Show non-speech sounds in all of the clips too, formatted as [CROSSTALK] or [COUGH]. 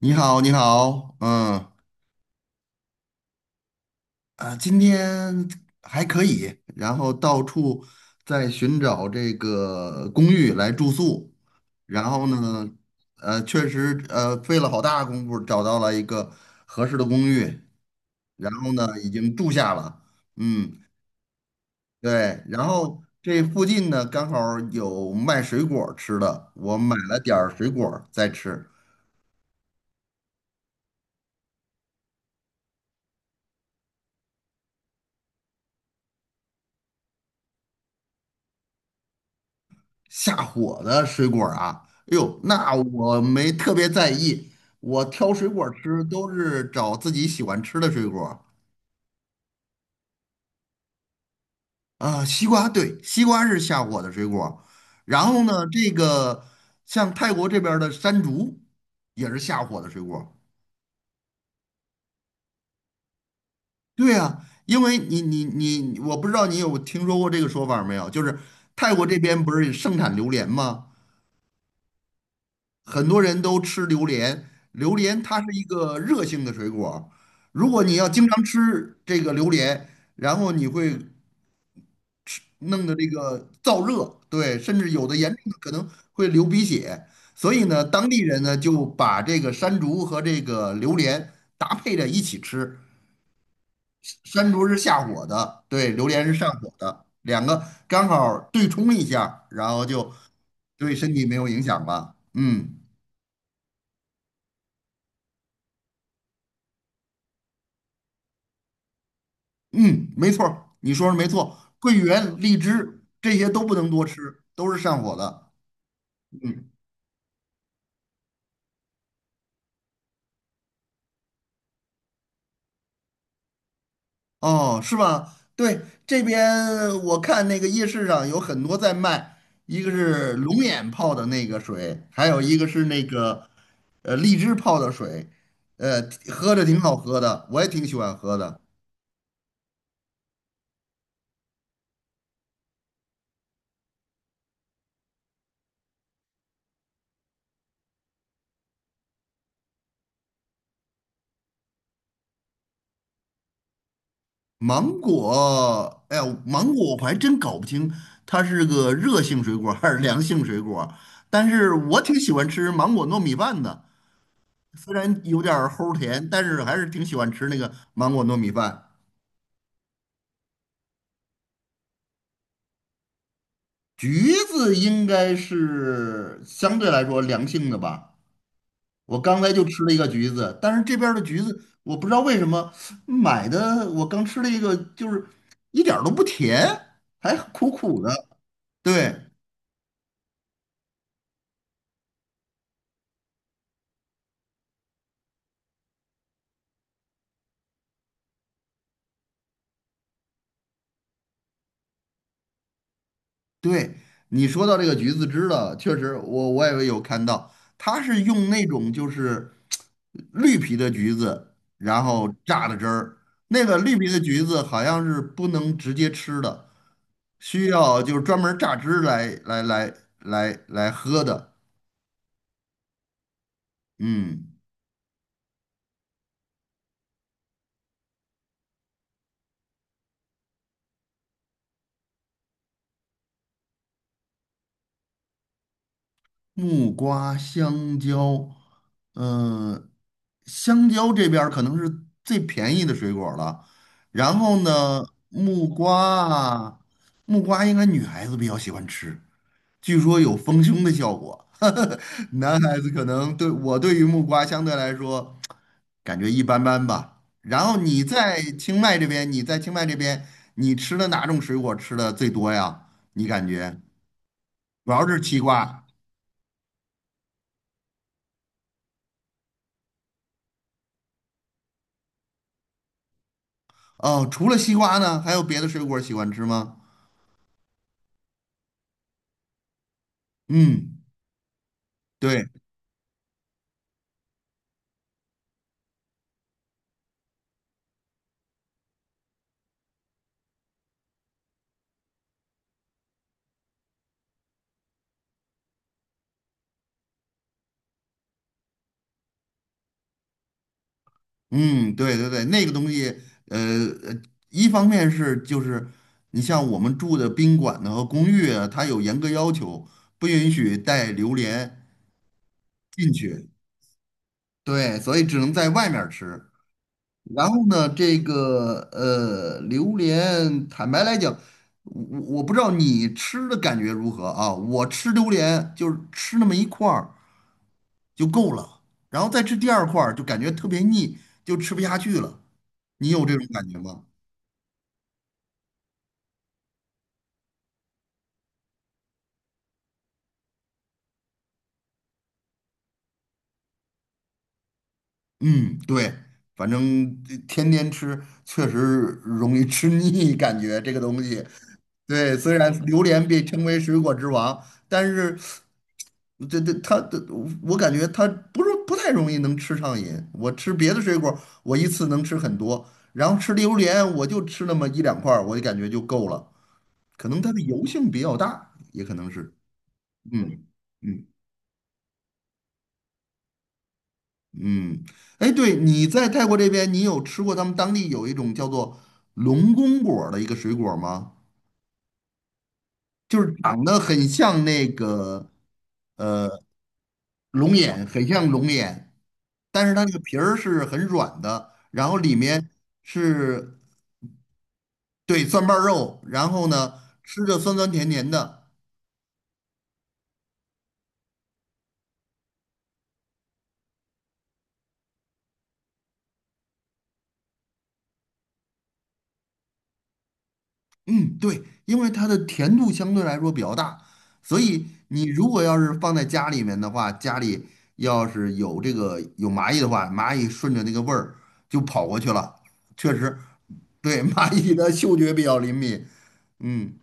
你好，你好，嗯，啊，今天还可以，然后到处在寻找这个公寓来住宿。然后呢，确实，费了好大功夫找到了一个合适的公寓，然后呢，已经住下了，嗯。对，然后这附近呢刚好有卖水果儿吃的，我买了点儿水果儿在吃，下火的水果儿啊，哎呦，那我没特别在意，我挑水果儿吃都是找自己喜欢吃的水果儿。啊，西瓜，对，西瓜是下火的水果儿。然后呢，这个像泰国这边儿的山竹也是下火的水果儿。对啊，因为你，我不知道你有听说过这个说法儿没有，就是泰国这边不是盛产榴莲吗？很多人都吃榴莲，榴莲它是一个热性的水果儿。如果你要经常吃这个榴莲，然后你会弄得这个燥热，对，甚至有的严重的可能会流鼻血。所以呢，当地人呢就把这个山竹和这个榴莲搭配着一起吃，山竹是下火的，对，榴莲是上火的，两个刚好对冲一下，然后就对身体没有影响吧，嗯。嗯，没错儿，你说的没错，桂圆、荔枝这些都不能多吃，都是上火的。嗯，哦，是吧？对，这边我看那个夜市上有很多在卖，一个是龙眼泡的那个水，还有一个是那个荔枝泡的水，呃，喝着挺好喝的，我也挺喜欢喝的。芒果，哎呀，芒果我还真搞不清它是个热性水果还是凉性水果，但是我挺喜欢吃芒果糯米饭的，虽然有点儿齁甜，但是还是挺喜欢吃那个芒果糯米饭。橘子应该是相对来说凉性的吧，我刚才就吃了一个橘子，但是这边儿的橘子我不知道为什么买的，我刚吃了一个就是一点儿都不甜，还苦苦的，对。对，你说到这个橘子汁了，确实我也有看到，它是用那种就是绿皮的橘子，然后榨的汁儿。那个绿皮的橘子好像是不能直接吃的，需要就是专门榨汁来喝的。嗯。木瓜、香蕉，嗯，香蕉这边儿可能是最便宜的水果儿了。然后呢，木瓜啊，木瓜应该女孩子比较喜欢吃，据说有丰胸的效果。[LAUGHS] 男孩子可能对我对于木瓜相对来说感觉一般般吧。然后你在清迈这边，你在清迈这边，你吃的哪种水果吃的最多呀？你感觉主要是西瓜。哦，除了西瓜呢，还有别的水果喜欢吃吗？嗯，对，嗯，对对对，那个东西，呃，呃一方面是就是你像我们住的宾馆呢和公寓啊它有严格要求，不允许带榴莲进去，对，所以只能在外面儿吃。然后呢，这个榴莲，坦白来讲，我不知道你吃的感觉如何啊？我吃榴莲就是吃那么一块儿。就够了。然后再吃第二块儿，就感觉特别腻，就吃不下去了。你有这种感觉吗？嗯，对，反正天天吃确实容易吃腻，感觉这个东西。对，虽然榴莲被称为水果之王，但是这它的我感觉它不是不太容易能吃上瘾。我吃别的水果，我一次能吃很多，然后吃榴莲我就吃那么一两块儿，我就感觉就够了。可能它的油性比较大，也可能是。嗯嗯嗯，哎，对，你在泰国这边，你有吃过他们当地有一种叫做龙宫果儿的一个水果吗？就是长得很像那个龙眼，很像龙眼，但是它那个皮儿是很软的，然后里面是对蒜瓣儿肉，然后呢吃着酸酸甜甜的，嗯，对，因为它的甜度相对来说比较大，所以你如果要是放在家里面的话，家里要是有这个有蚂蚁的话，蚂蚁顺着那个味儿就跑过去了。确实，对，[LAUGHS] 蚂蚁的嗅觉比较灵敏。嗯，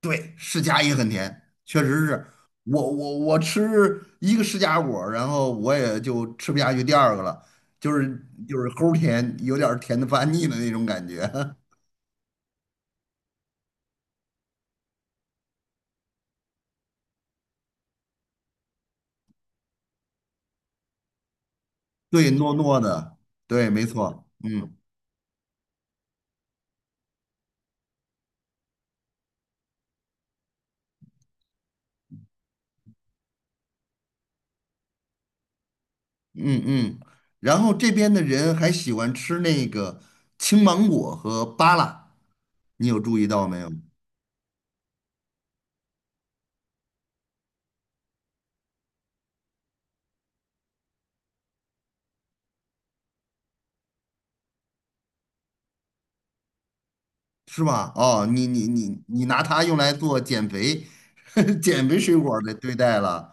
对，释迦也很甜，确实是我吃一个释迦果儿然后我也就吃不下去第二个了，就是就是齁甜，有点儿甜的发腻的那种感觉。[LAUGHS] 对，糯糯的，对，没错，嗯嗯嗯。然后这边的人还喜欢吃那个青芒果和芭乐，你有注意到没有？是吧？哦，你拿它用来做减肥 [LAUGHS] 减肥水果儿的对待了，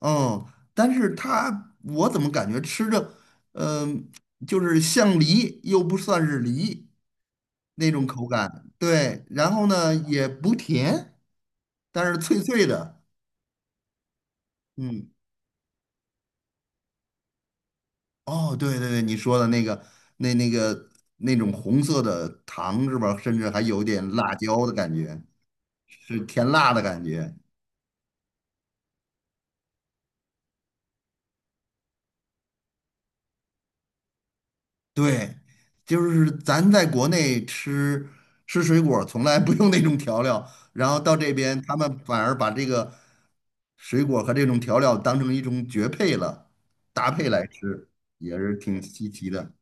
嗯。但是它我怎么感觉吃着，嗯、就是像梨又不算是梨那种口感，对。然后呢，也不甜，但是脆脆的，嗯。哦，对对对，你说的那个那个那种红色的糖是吧？甚至还有点辣椒的感觉，是甜辣的感觉。对，就是咱在国内吃吃水果儿从来不用那种调料，然后到这边他们反而把这个水果和这种调料当成一种绝配了，搭配来吃，也是挺稀奇的。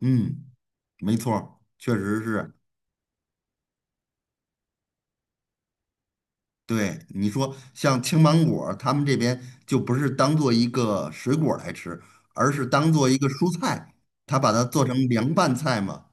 嗯，没错儿确实是。对，你说像青芒果儿他们这边就不是当做一个水果儿来吃，而是当做一个蔬菜，他把它做成凉拌菜嘛。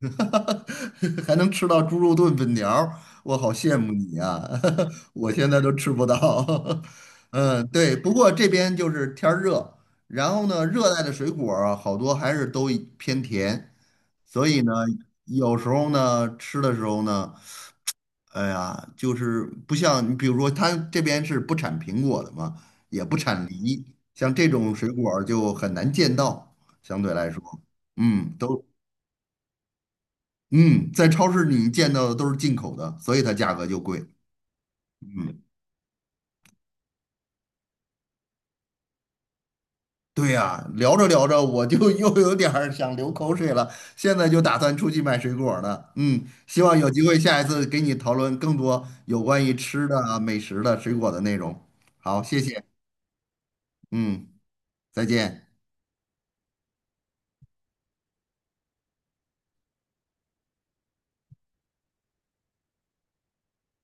[LAUGHS] 还能吃到猪肉炖粉条儿，我好羡慕你呀、啊。 [LAUGHS] 我现在都吃不到。[LAUGHS] 嗯，对，不过这边就是天儿热，然后呢，热带的水果儿啊好多还是都偏甜，所以呢，有时候呢，吃的时候呢。哎呀，就是不像你，比如说，它这边是不产苹果的嘛，也不产梨，像这种水果儿就很难见到。相对来说，嗯，都嗯，在超市里见到的都是进口的，所以它价格就贵。嗯，对呀，聊着聊着我就 [LAUGHS] 又有点儿想流口水了，现在就打算出去买水果儿了。嗯，希望有机会下一次给你讨论更多有关于吃的啊美食的、水果的内容。好，谢谢。嗯，再见。